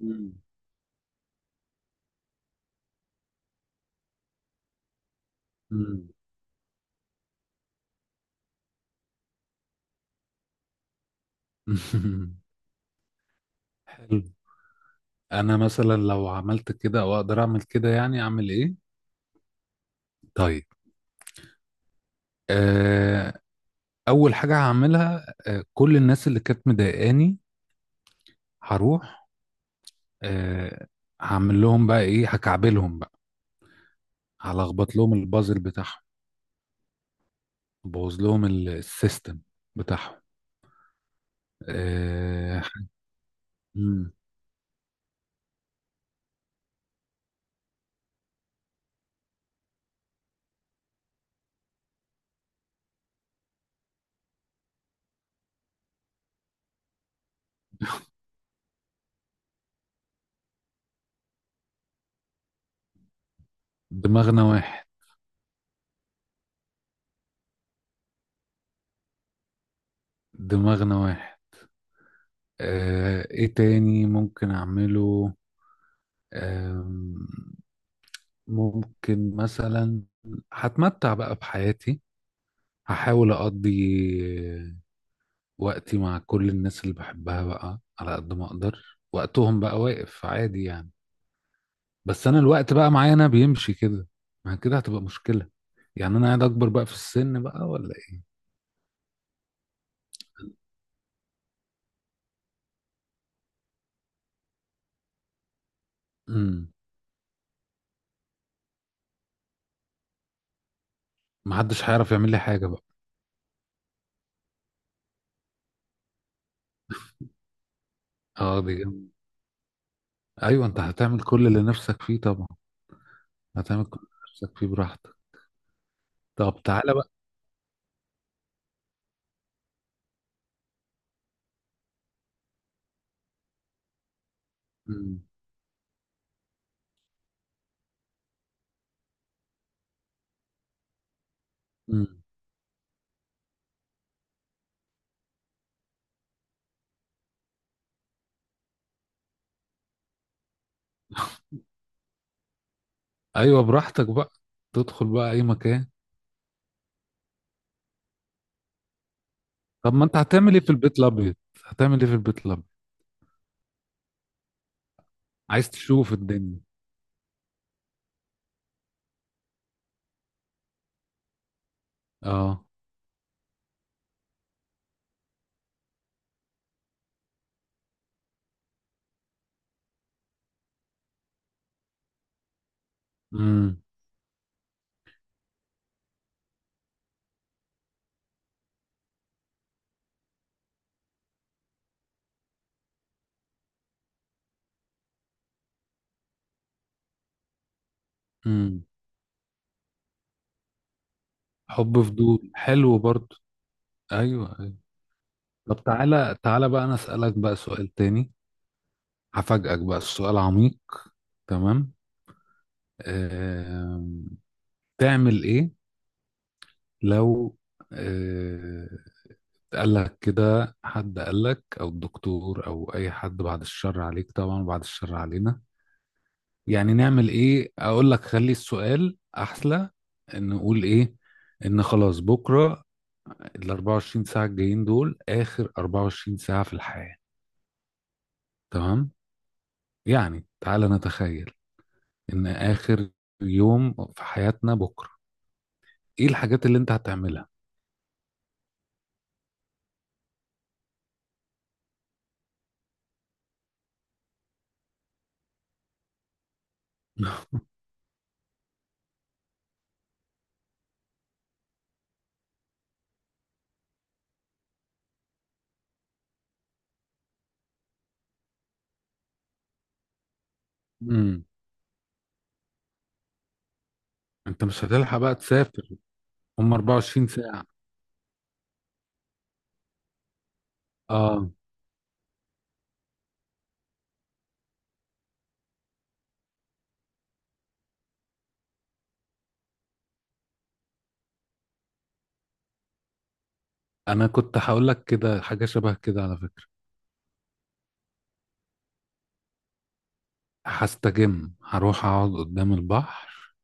مم. مم. حلو. انا مثلا لو عملت كده او اقدر اعمل كده يعني اعمل ايه؟ طيب. آه. اول حاجه هعملها، آه، كل الناس اللي كانت مضايقاني هروح. آه. هعمل لهم بقى ايه، هكعبلهم بقى، هلخبط لهم البازل بتاعهم، بوظ لهم السيستم بتاعهم. آه. مم. دماغنا واحد، دماغنا واحد. آه ايه تاني ممكن اعمله؟ آه، ممكن مثلا هتمتع بقى بحياتي، هحاول أقضي وقتي مع كل الناس اللي بحبها بقى على قد ما أقدر، وقتهم بقى واقف عادي يعني، بس أنا الوقت بقى معايا أنا بيمشي كده. ما كده هتبقى مشكلة، يعني أنا قاعد أكبر بقى في السن بقى ولا إيه؟ امم. محدش هيعرف يعمل لي حاجة بقى. اه دي جامدة. أيوة، أنت هتعمل كل اللي نفسك فيه طبعا، هتعمل كل اللي نفسك فيه براحتك. طب تعالى بقى. امم. امم. أيوة براحتك بقى، تدخل بقى أي مكان. طب ما انت هتعمل ايه في البيت الابيض؟ هتعمل ايه في البيت الابيض؟ عايز تشوف الدنيا. اه. امم. امم. حب فضول، حلو برضو. ايوه ايوه. طب تعالى تعالى بقى، انا اسالك بقى سؤال تاني. هفاجئك بقى، السؤال عميق. تمام. آم، تعمل ايه لو آه، قال لك كده، حد قال لك او الدكتور او اي حد، بعد الشر عليك طبعا، بعد الشر علينا، يعني نعمل ايه؟ اقول لك خلي السؤال احلى، ان نقول ايه؟ ان خلاص بكره ال 24 ساعه الجايين دول اخر 24 ساعه في الحياه. تمام. يعني تعالى نتخيل ان اخر يوم في حياتنا بكره، ايه الحاجات اللي انت هتعملها؟ امم. انت مش هتلحق بقى تسافر. هم 24 ساعه. اه. انا كنت هقول لك كده حاجه شبه كده على فكره. هستجم، هروح اقعد قدام البحر،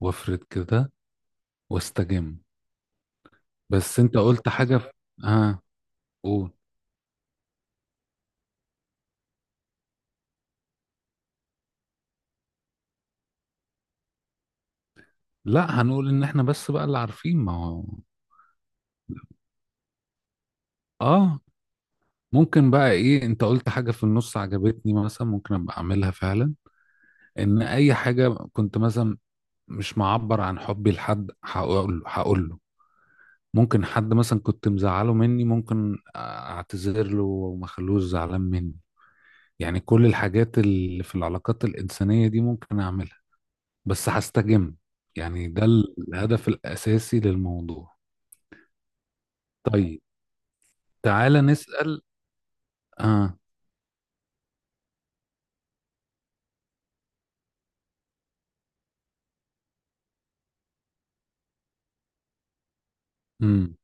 وافرد كده، واستجم. بس انت قلت حاجة في... اه قول. لا هنقول ان احنا بس بقى اللي عارفين ما هو. اه. ممكن بقى ايه، انت قلت حاجة في النص عجبتني مثلا، ممكن ابقى اعملها فعلا. ان اي حاجة كنت مثلا مش معبر عن حبي لحد، هقول له. ممكن حد مثلا كنت مزعله مني، ممكن اعتذر له وما اخلوش زعلان مني. يعني كل الحاجات اللي في العلاقات الإنسانية دي ممكن اعملها. بس هستجم، يعني ده الهدف الأساسي للموضوع. طيب. تعالى نسأل. اه. امم.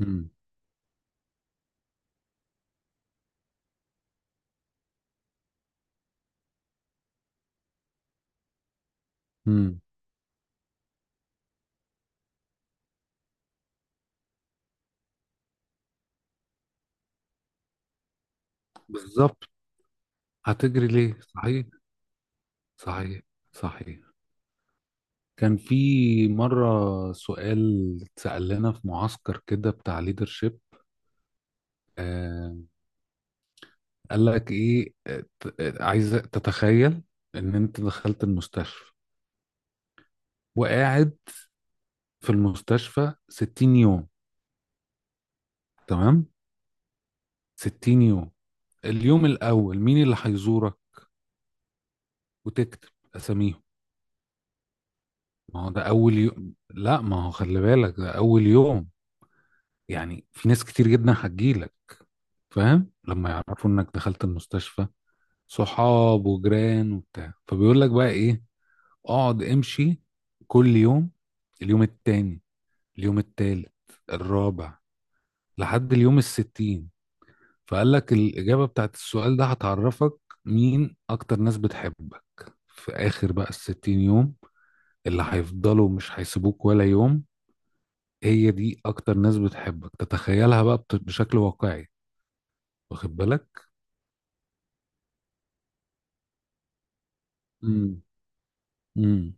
امم. امم. بالظبط. هتجري ليه صحيح. صحيح، صحيح. كان في مرة سؤال اتسأل لنا في معسكر كده بتاع ليدرشيب. آه. قال لك ايه، عايزة تتخيل ان انت دخلت المستشفى، وقاعد في المستشفى 60 يوم. تمام. 60 يوم. اليوم الاول مين اللي هيزورك وتكتب اساميهم؟ ما هو ده اول يوم، لا ما هو خلي بالك ده اول يوم. يعني في ناس كتير جدا هتجيلك، فاهم، لما يعرفوا انك دخلت المستشفى، صحاب وجيران وبتاع. فبيقول لك بقى ايه، اقعد امشي كل يوم، اليوم التاني، اليوم التالت، الرابع، لحد اليوم الستين. فقال لك الإجابة بتاعت السؤال ده هتعرفك مين أكتر ناس بتحبك. في آخر بقى الستين يوم، اللي هيفضلوا مش هيسيبوك ولا يوم، هي دي اكتر ناس بتحبك. تتخيلها بقى بشكل واقعي، واخد بالك. امم. امم.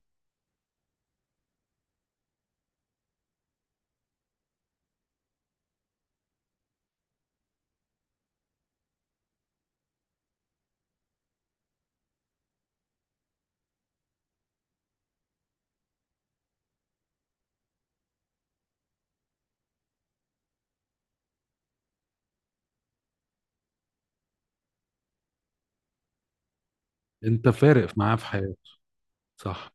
انت فارق معاه في حياته. صح.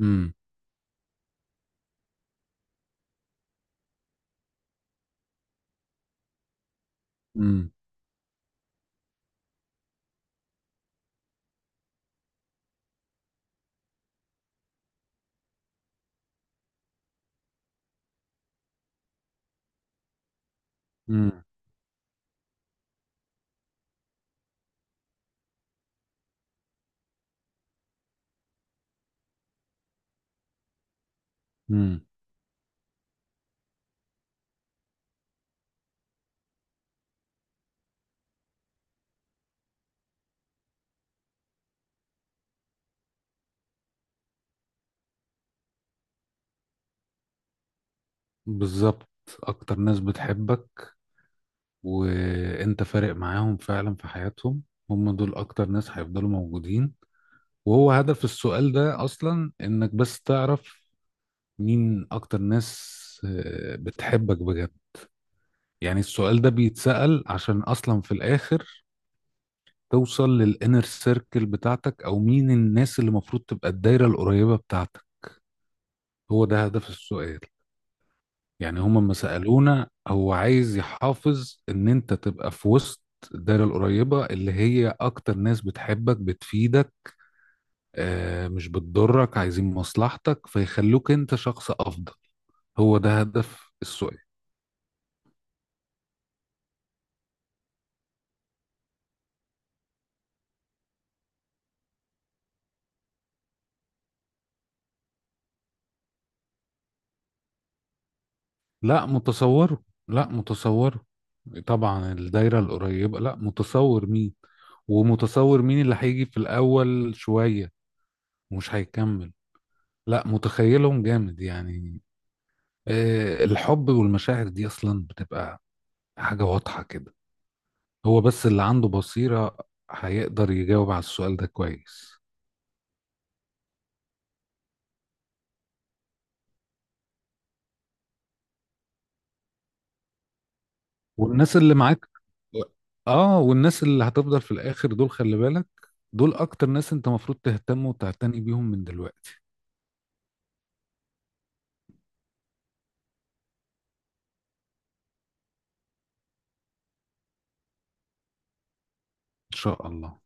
امم. امم. امم. امم. بالظبط. اكتر ناس بتحبك، وانت فارق معاهم فعلا في حياتهم، هم دول اكتر ناس هيفضلوا موجودين. وهو هدف السؤال ده اصلا انك بس تعرف مين اكتر ناس، آه، بتحبك بجد. يعني السؤال ده بيتسأل عشان اصلا في الاخر توصل للانر سيركل بتاعتك، او مين الناس اللي المفروض تبقى الدايره القريبه بتاعتك. هو ده هدف السؤال. يعني هما لما سالونا هو عايز يحافظ ان انت تبقى في وسط الدايره القريبه اللي هي اكتر ناس بتحبك، بتفيدك، آه، مش بتضرك، عايزين مصلحتك، فيخلوك انت شخص افضل. هو ده هدف السؤال. لا متصوره، لا متصوره. طبعا الدايرة القريبة لا متصور مين، ومتصور مين اللي هيجي في الأول شوية ومش هيكمل. لا متخيلهم جامد يعني. آه، الحب والمشاعر دي أصلا بتبقى حاجة واضحة كده. هو بس اللي عنده بصيرة هيقدر يجاوب على السؤال ده كويس. والناس اللي معاك. اه والناس اللي هتفضل في الآخر دول، خلي بالك، دول أكتر ناس أنت مفروض تهتم وتعتني بيهم من دلوقتي. ان شاء الله.